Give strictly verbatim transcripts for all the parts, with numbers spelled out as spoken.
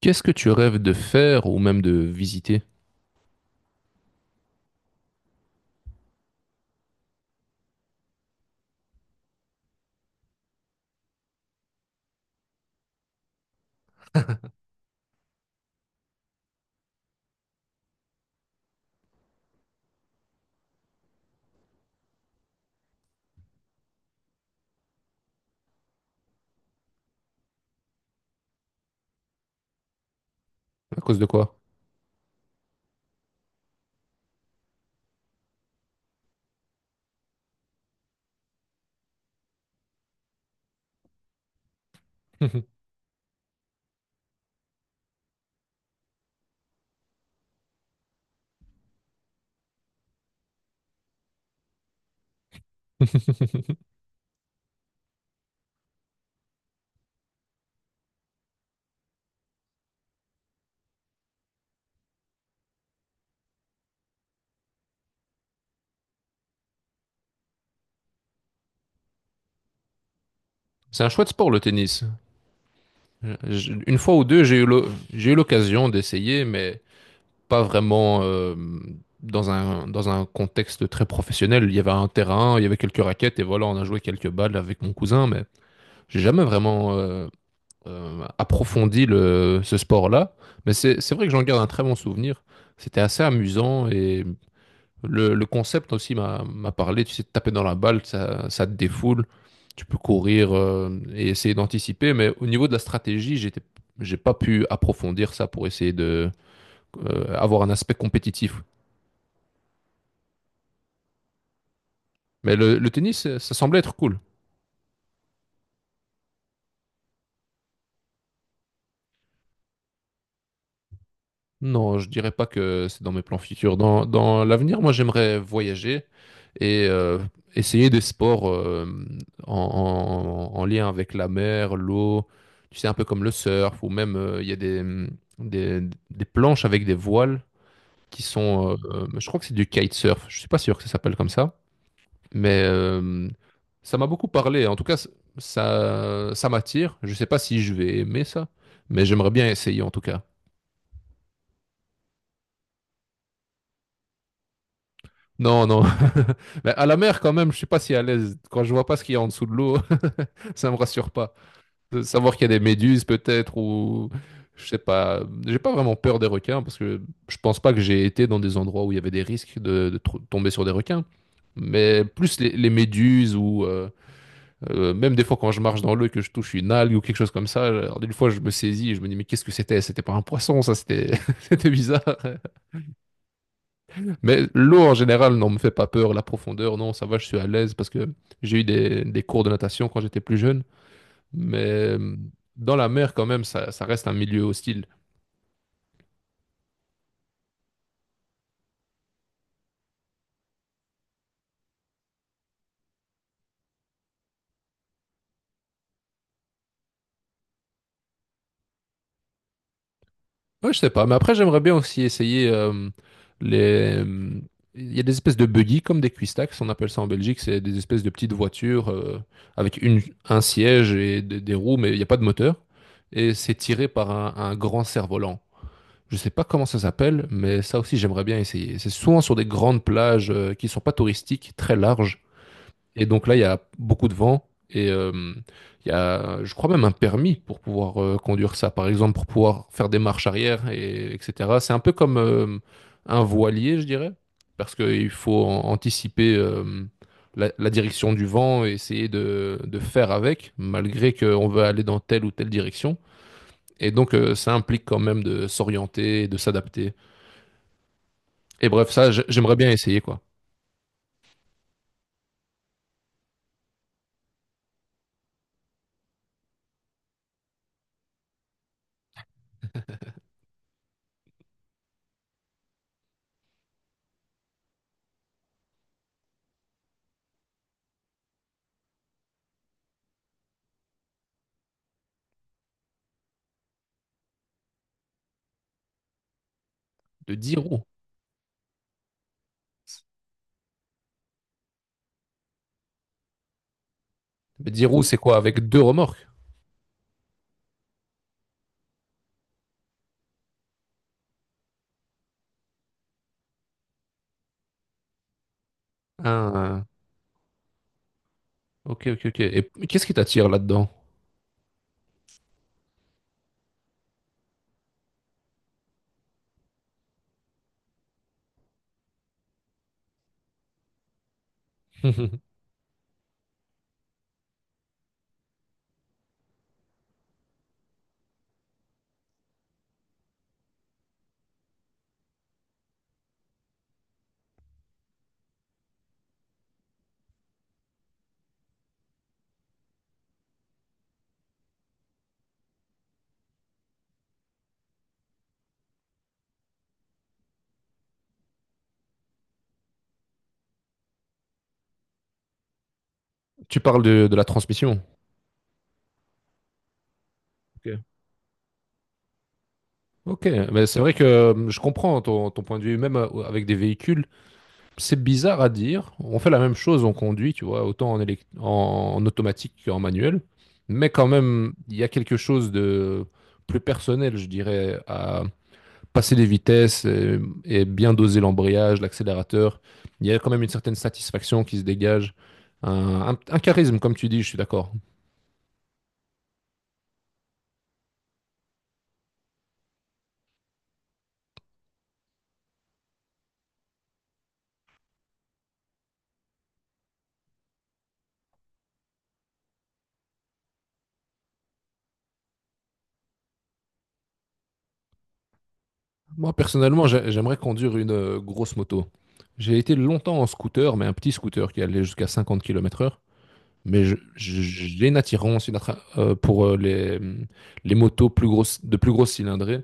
Qu'est-ce que tu rêves de faire ou même de visiter? À cause de quoi? C'est un chouette sport, le tennis. Je- Une fois ou deux, j'ai eu l'o- j'ai eu l'occasion d'essayer, mais pas vraiment euh, dans un, dans un contexte très professionnel. Il y avait un terrain, il y avait quelques raquettes, et voilà, on a joué quelques balles avec mon cousin, mais j'ai jamais vraiment euh, euh, approfondi le, ce sport-là. Mais c'est, c'est vrai que j'en garde un très bon souvenir. C'était assez amusant et. Le, le concept aussi m'a m'a parlé, tu sais, de taper dans la balle, ça, ça te défoule, tu peux courir euh, et essayer d'anticiper, mais au niveau de la stratégie, j'étais, j'ai pas pu approfondir ça pour essayer de euh, avoir un aspect compétitif. Mais le, le tennis, ça semblait être cool. Non, je dirais pas que c'est dans mes plans futurs. Dans, dans l'avenir, moi, j'aimerais voyager et euh, essayer des sports euh, en, en- en lien avec la mer, l'eau, tu sais, un peu comme le surf, ou même euh, il y a des, des, des planches avec des voiles qui sont, euh, je crois que c'est du kitesurf, je suis pas sûr que ça s'appelle comme ça, mais euh, ça m'a beaucoup parlé. En tout cas, ça, ça m'attire. Je sais pas si je vais aimer ça, mais j'aimerais bien essayer en tout cas. Non, non. Mais à la mer, quand même, je suis pas si à l'aise. Quand je vois pas ce qu'il y a en dessous de l'eau, ça me rassure pas. De savoir qu'il y a des méduses, peut-être, ou je sais pas. J'ai pas vraiment peur des requins parce que je pense pas que j'ai été dans des endroits où il y avait des risques de, de tr- tomber sur des requins. Mais plus les, les méduses ou euh, euh, même des fois quand je marche dans l'eau et que je touche une algue ou quelque chose comme ça, alors, une fois je me saisis et je me dis mais qu'est-ce que c'était? C'était pas un poisson, ça c'était c'était bizarre. Mais l'eau en général, non, me fait pas peur. La profondeur, non, ça va, je suis à l'aise parce que j'ai eu des, des cours de natation quand j'étais plus jeune. Mais euh, dans la mer, quand même, ça, ça reste un milieu hostile. Ouais, je sais pas, mais après j'aimerais bien aussi essayer euh, les. Il y a des espèces de buggy comme des cuistax, on appelle ça en Belgique, c'est des espèces de petites voitures euh, avec une, un siège et des, des roues, mais il n'y a pas de moteur. Et c'est tiré par un, un grand cerf-volant. Je sais pas comment ça s'appelle, mais ça aussi j'aimerais bien essayer. C'est souvent sur des grandes plages euh, qui sont pas touristiques, très larges, et donc là, il y a beaucoup de vent et euh, il y a, je crois même un permis pour pouvoir euh, conduire ça, par exemple, pour pouvoir faire des marches arrière, et, etc. C'est un peu comme euh, un voilier, je dirais, parce qu'il faut an- anticiper euh, la, la direction du vent et essayer de, de faire avec, malgré qu'on veut aller dans telle ou telle direction. Et donc, euh, ça implique quand même de s'orienter, et de s'adapter. Et bref, ça, j- j'aimerais bien essayer, quoi. De dix roues. Mais dix roues, c'est quoi? Avec deux remorques? Ok, ok, ok. Et qu'est-ce qui t'attire là-dedans? Tu parles de, de la transmission. Ok, Ok, mais c'est vrai que euh, je comprends ton, ton point de vue, même euh, avec des véhicules, c'est bizarre à dire. On fait la même chose, on conduit, tu vois, autant en, élect en, en automatique qu'en manuel. Mais quand même, il y a quelque chose de plus personnel, je dirais, à passer des vitesses et, et bien doser l'embrayage, l'accélérateur. Il y a quand même une certaine satisfaction qui se dégage, un, un un charisme, comme tu dis, je suis d'accord. Moi, personnellement, j'ai- j'aimerais conduire une euh, grosse moto. J'ai été longtemps en scooter, mais un petit scooter qui allait jusqu'à cinquante kilomètres heure. Mais je- je- j'ai une attirance une attra- euh, pour euh, les, les motos plus grosses, de plus grosses cylindrées.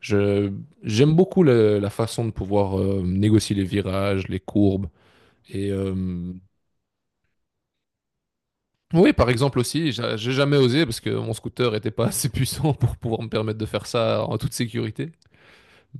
Je, j'aime beaucoup le- la façon de pouvoir euh, négocier les virages, les courbes. Et euh, oui, par exemple aussi, j'a- j'ai jamais osé parce que mon scooter n'était pas assez puissant pour pouvoir me permettre de faire ça en toute sécurité.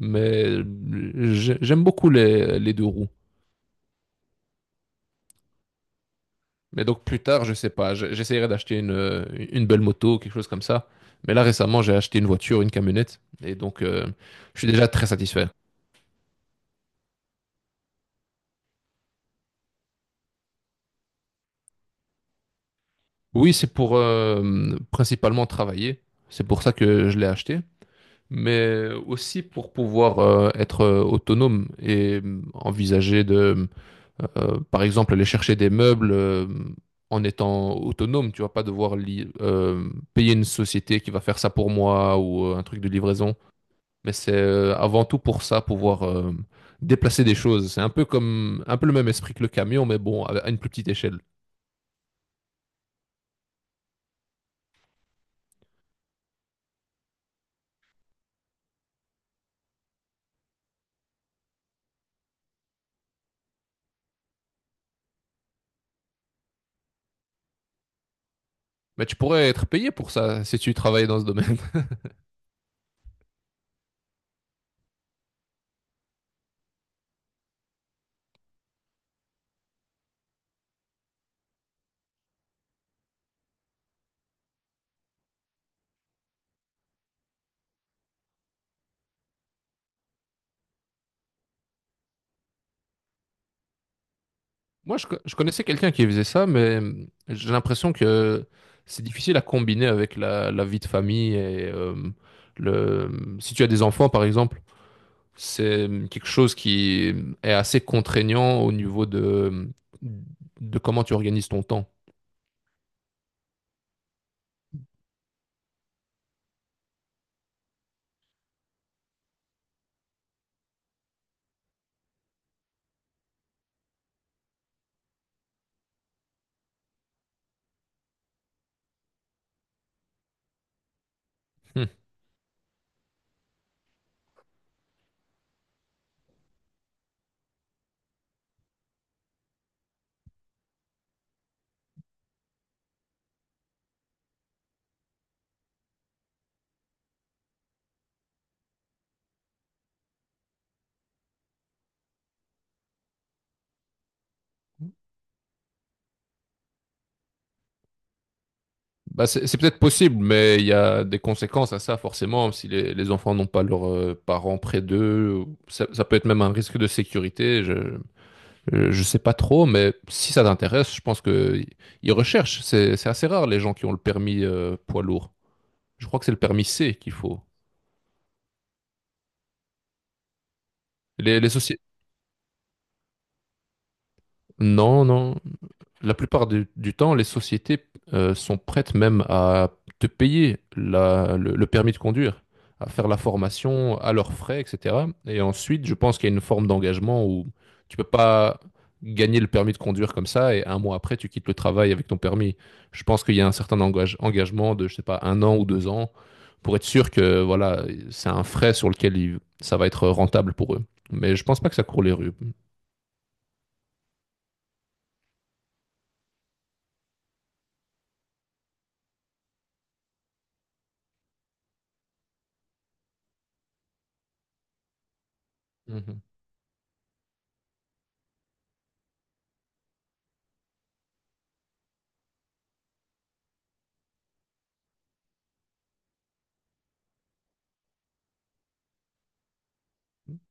Mais euh, j'ai- j'aime beaucoup les les deux roues. Mais donc plus tard, je sais pas, je- j'essaierai d'acheter une, euh, une belle moto, quelque chose comme ça. Mais là récemment, j'ai acheté une voiture, une camionnette, et donc euh, je suis déjà très satisfait. Oui, c'est pour euh, principalement travailler, c'est pour ça que je l'ai acheté, mais aussi pour pouvoir euh, être euh, autonome et euh, envisager de, euh, par exemple, aller chercher des meubles euh, en étant autonome, tu vas pas devoir li- euh, payer une société qui va faire ça pour moi ou euh, un truc de livraison. Mais c'est euh, avant tout pour ça, pouvoir euh, déplacer des choses. C'est un peu comme, un peu le même esprit que le camion, mais bon, à à une plus petite échelle. Mais tu pourrais être payé pour ça si tu travaillais dans ce domaine. Moi, je, co- je connaissais quelqu'un qui faisait ça, mais hum, j'ai l'impression que c'est difficile à combiner avec la, la vie de famille et euh, le, si tu as des enfants, par exemple, c'est hum, quelque chose qui est assez contraignant au niveau de, de comment tu organises ton temps. Hmm. Bah, c'est c'est peut-être possible, mais il y a des conséquences à ça, forcément. Si les, les enfants n'ont pas leurs euh, parents près d'eux, ça, ça peut être même un risque de sécurité. Je euh, je sais pas trop, mais si ça t'intéresse, je pense que y- ils recherchent. C'est, c'est assez rare les gens qui ont le permis euh, poids lourd. Je crois que c'est le permis C qu'il faut. Les, les sociétés. Non, non. La plupart du, du temps, les sociétés euh, sont prêtes même à te payer la- le, le permis de conduire, à faire la formation à leurs frais, et cetera. Et ensuite, je pense qu'il y a une forme d'engagement où tu peux pas gagner le permis de conduire comme ça et un mois après, tu quittes le travail avec ton permis. Je pense qu'il y a un certain engage- engagement de, je sais pas, un an ou deux ans pour être sûr que voilà, c'est un frais sur lequel il- ça va être rentable pour eux. Mais je pense pas que ça court les rues. Mhm.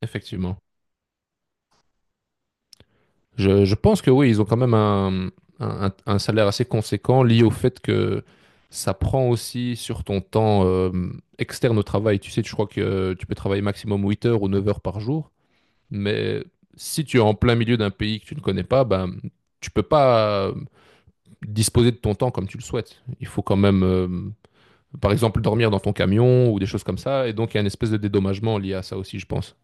Effectivement. Je, je pense que oui, ils ont quand même un, un, un salaire assez conséquent lié au fait que ça prend aussi sur ton temps euh, externe au travail. Tu sais, je crois que euh, tu peux travailler maximum huit heures ou neuf heures par jour, mais si tu es en plein milieu d'un pays que tu ne connais pas, ben, tu peux pas euh, disposer de ton temps comme tu le souhaites. Il faut quand même, euh, par exemple, dormir dans ton camion ou des choses comme ça, et donc il y a une espèce de dédommagement lié à ça aussi, je pense.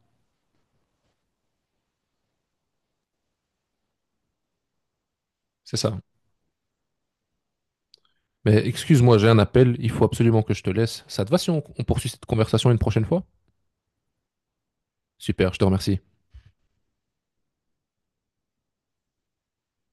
C'est ça. Mais excuse-moi, j'ai un appel, il faut absolument que je te laisse. Ça te va si on, on poursuit cette conversation une prochaine fois? Super, je te remercie.